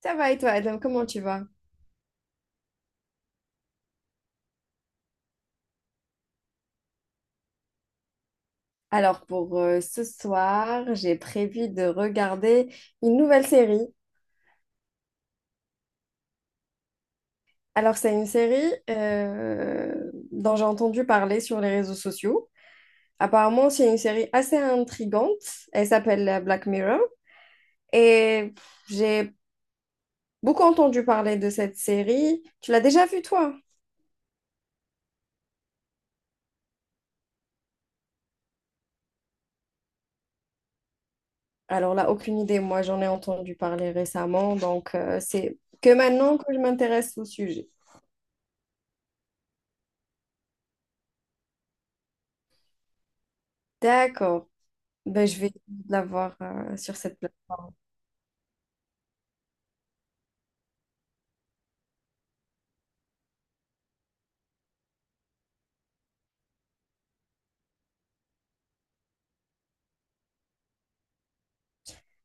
Ça va et toi, Adam, comment tu vas? Alors pour ce soir, j'ai prévu de regarder une nouvelle série. Alors c'est une série dont j'ai entendu parler sur les réseaux sociaux. Apparemment, c'est une série assez intrigante. Elle s'appelle Black Mirror. Et j'ai beaucoup entendu parler de cette série. Tu l'as déjà vue toi? Alors là, aucune idée. Moi, j'en ai entendu parler récemment. Donc c'est que maintenant que je m'intéresse au sujet. D'accord. Ben, je vais la voir sur cette plateforme.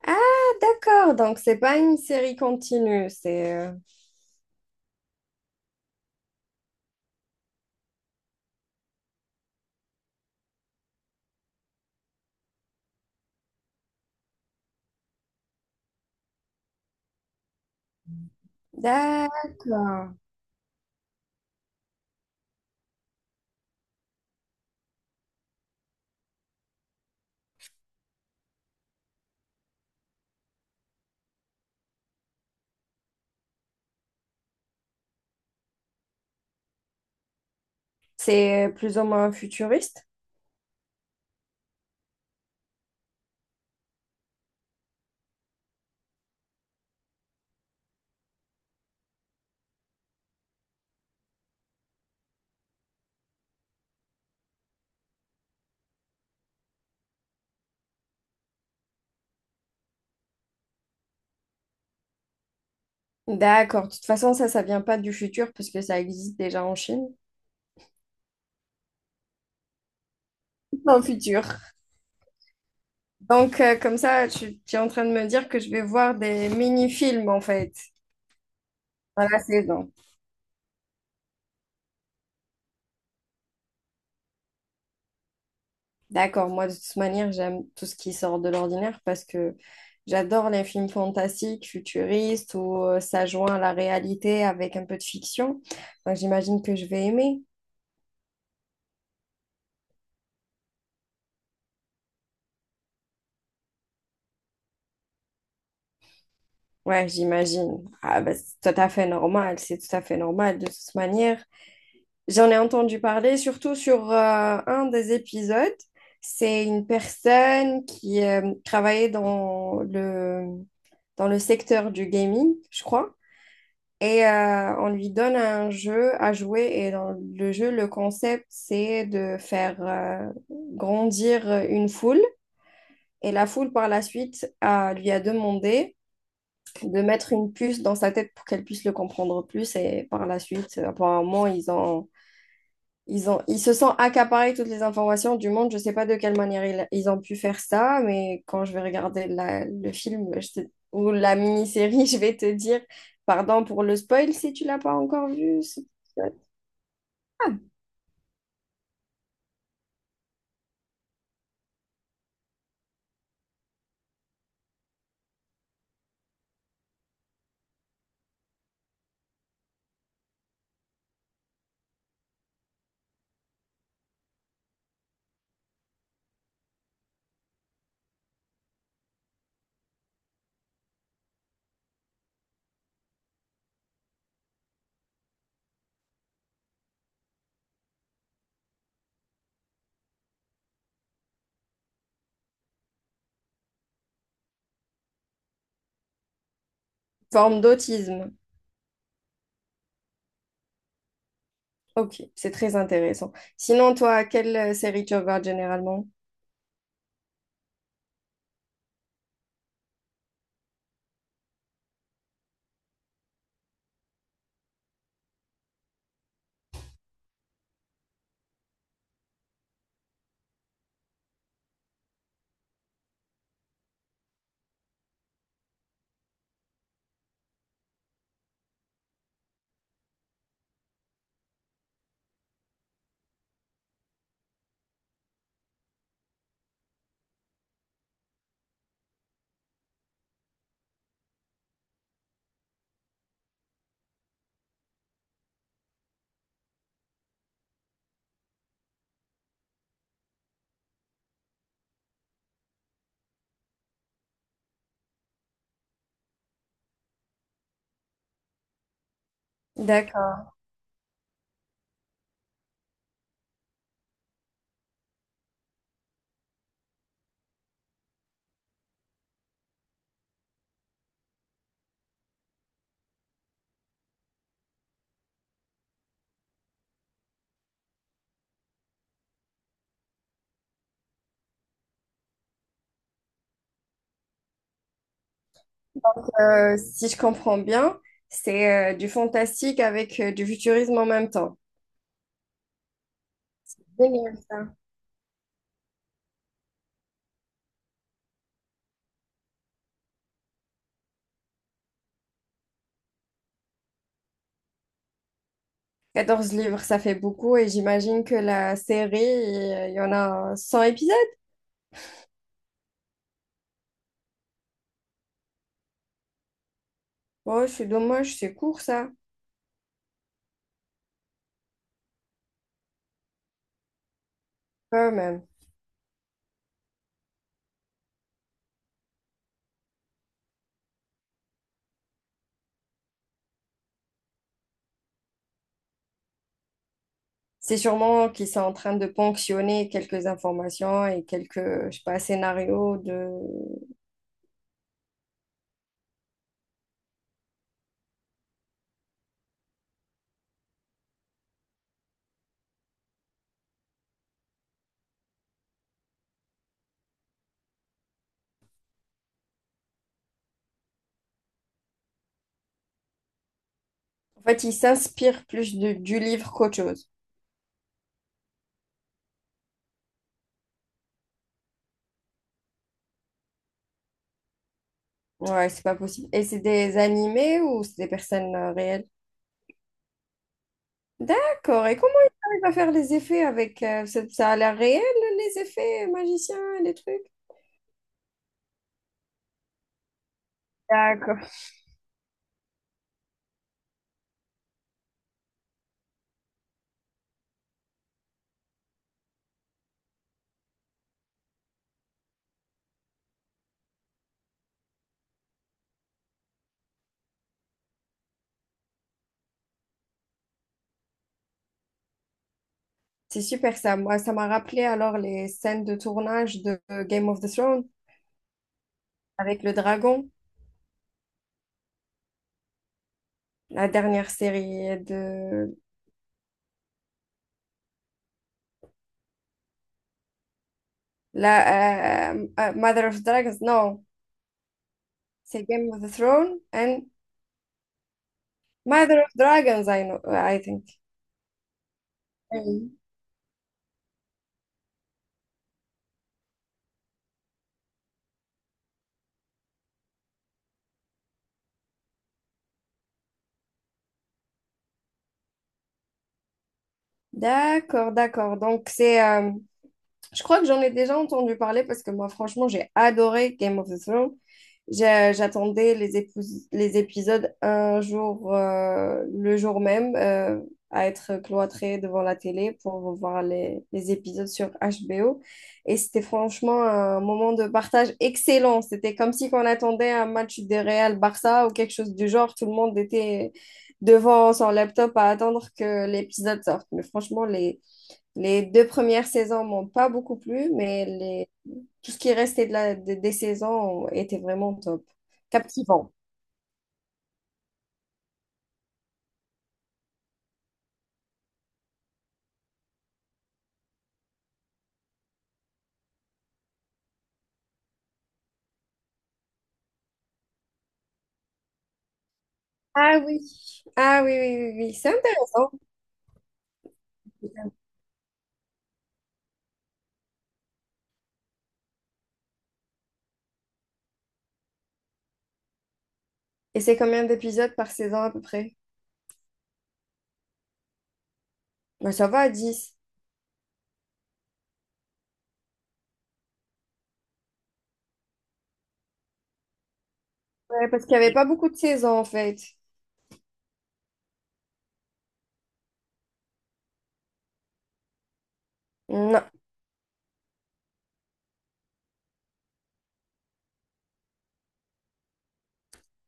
Ah, d'accord. Donc, c'est pas une série continue. C'est. D'accord. C'est plus ou moins futuriste. D'accord. De toute façon, ça vient pas du futur parce que ça existe déjà en Chine. Dans le futur. Donc, comme ça, tu es en train de me dire que je vais voir des mini-films en fait dans la saison. D'accord, moi de toute manière, j'aime tout ce qui sort de l'ordinaire parce que j'adore les films fantastiques, futuristes, où ça joint la réalité avec un peu de fiction. Donc j'imagine que je vais aimer. Ouais, j'imagine. Ah, bah, c'est tout à fait normal, c'est tout à fait normal de toute manière. J'en ai entendu parler surtout sur un des épisodes. C'est une personne qui travaillait dans le secteur du gaming, je crois. Et on lui donne un jeu à jouer. Et dans le jeu, le concept, c'est de faire grandir une foule. Et la foule, par la suite, lui a demandé de mettre une puce dans sa tête pour qu'elle puisse le comprendre plus. Et par la suite, apparemment, ils ont, ils se sont accaparés toutes les informations du monde. Je sais pas de quelle manière ils, ils ont pu faire ça, mais quand je vais regarder le film ou la mini-série, je vais te dire, pardon pour le spoil si tu l'as pas encore vu, c'est Ah, forme d'autisme. Ok, c'est très intéressant. Sinon, toi, quelle série tu regardes généralement? D'accord. Si je comprends bien, c'est du fantastique avec du futurisme en même temps. Génial. 14 livres, ça fait beaucoup et j'imagine que la série, il y en a 100 épisodes. Oh, c'est dommage, c'est court ça. Quand même. C'est sûrement qu'ils sont en train de ponctionner quelques informations et quelques, je sais pas, scénarios de... En fait, ils s'inspirent plus du livre qu'autre chose. Ouais, c'est pas possible. Et c'est des animés ou c'est des personnes réelles? D'accord. Et comment ils arrivent à faire les effets avec... ça ça a l'air réel, les effets magiciens, les trucs? D'accord. C'est super ça. Moi, ça m'a rappelé alors les scènes de tournage de Game of the Thrones avec le dragon, la dernière série de la Mother of Dragons. Non, c'est Game of the Thrones and Mother of Dragons, I know, I think. Oui. D'accord, d'accord. Donc c'est, je crois que j'en ai déjà entendu parler parce que moi, franchement, j'ai adoré Game of the Thrones. J'attendais les, les épisodes un jour, le jour même, à être cloîtrée devant la télé pour voir les épisodes sur HBO. Et c'était franchement un moment de partage excellent. C'était comme si on attendait un match de Real Barça ou quelque chose du genre. Tout le monde était devant son laptop à attendre que l'épisode sorte. Mais franchement, les deux premières saisons m'ont pas beaucoup plu, mais les... tout ce qui restait de la... des saisons était vraiment top. Captivant. Ah oui. Ah oui, oui, oui, oui. C'est intéressant. Et c'est combien d'épisodes par saison à peu près? Ben, ça va à 10. Ouais, parce qu'il n'y avait pas beaucoup de saisons en fait. Non.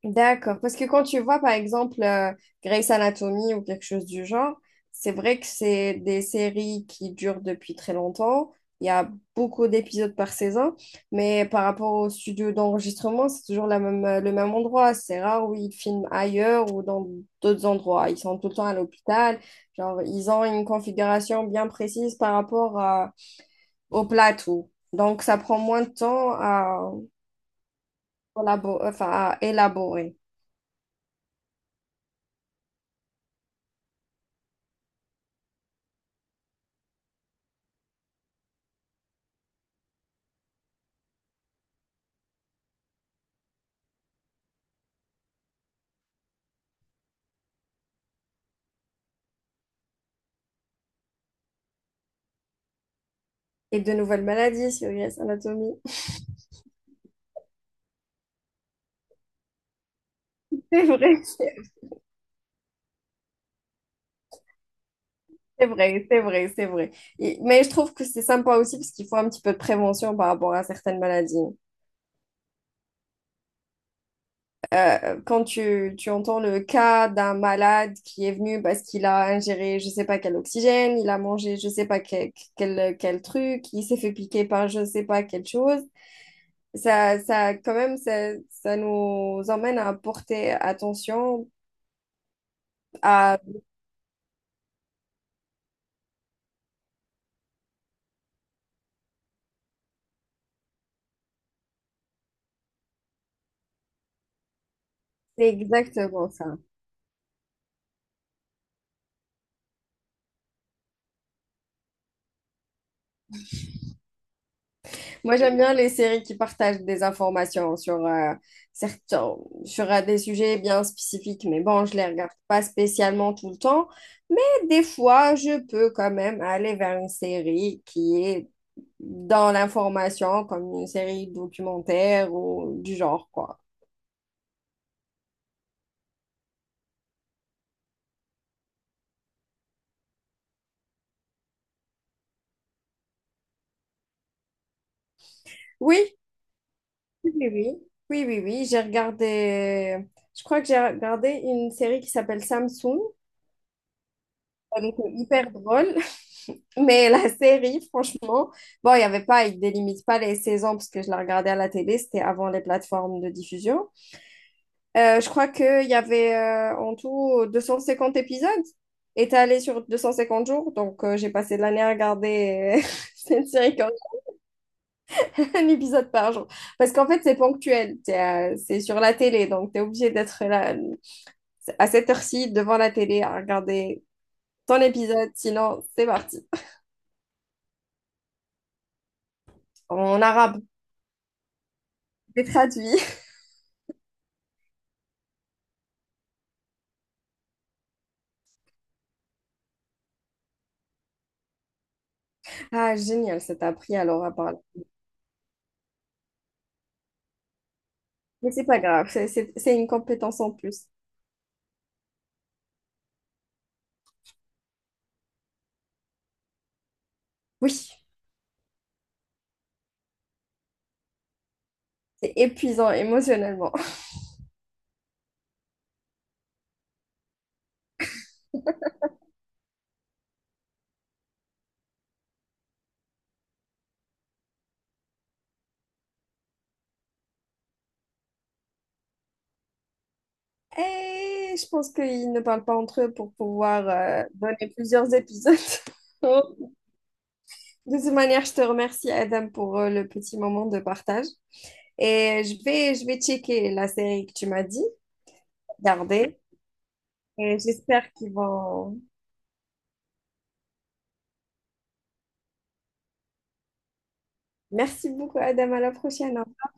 D'accord, parce que quand tu vois par exemple Grey's Anatomy ou quelque chose du genre, c'est vrai que c'est des séries qui durent depuis très longtemps. Il y a beaucoup d'épisodes par saison, mais par rapport au studio d'enregistrement, c'est toujours la même, le même endroit. C'est rare où ils filment ailleurs ou dans d'autres endroits. Ils sont tout le temps à l'hôpital. Genre, ils ont une configuration bien précise par rapport au plateau. Donc, ça prend moins de temps à, enfin, à élaborer. Et de nouvelles maladies sur Grey's Anatomy. C'est vrai, c'est vrai, c'est vrai, c'est vrai. Et mais je trouve que c'est sympa aussi parce qu'il faut un petit peu de prévention par rapport à certaines maladies. Quand tu entends le cas d'un malade qui est venu parce qu'il a ingéré je sais pas quel oxygène, il a mangé je sais pas quel, quel, quel truc, il s'est fait piquer par je sais pas quelle chose, ça quand même, ça nous emmène à porter attention à... C'est exactement ça. Moi, j'aime bien les séries qui partagent des informations sur, certains, sur des sujets bien spécifiques, mais bon, je les regarde pas spécialement tout le temps. Mais des fois, je peux quand même aller vers une série qui est dans l'information, comme une série documentaire ou du genre, quoi. Oui, oui, oui, oui, oui, oui, oui, j'ai regardé, je crois que j'ai regardé une série qui s'appelle Samsung. Elle était hyper drôle. Mais la série, franchement, bon, il y avait pas, il délimite pas les saisons parce que je la regardais à la télé, c'était avant les plateformes de diffusion. Je crois qu'il y avait en tout 250 épisodes étalés sur 250 jours. Donc, j'ai passé l'année à regarder cette série quand un épisode par jour. Parce qu'en fait, c'est ponctuel. C'est sur la télé, donc tu es obligé d'être là à cette heure-ci devant la télé à regarder ton épisode. Sinon, c'est parti. En arabe, c'est traduit. Ah, génial, ça t'a appris alors à parler. Mais c'est pas grave, c'est une compétence en plus. Oui, c'est épuisant émotionnellement. Et je pense qu'ils ne parlent pas entre eux pour pouvoir donner plusieurs épisodes. De toute manière, je te remercie, Adam, pour le petit moment de partage. Et je vais checker la série que tu m'as dit, garder. Et j'espère qu'ils vont Merci beaucoup, Adam. À la prochaine. Au revoir.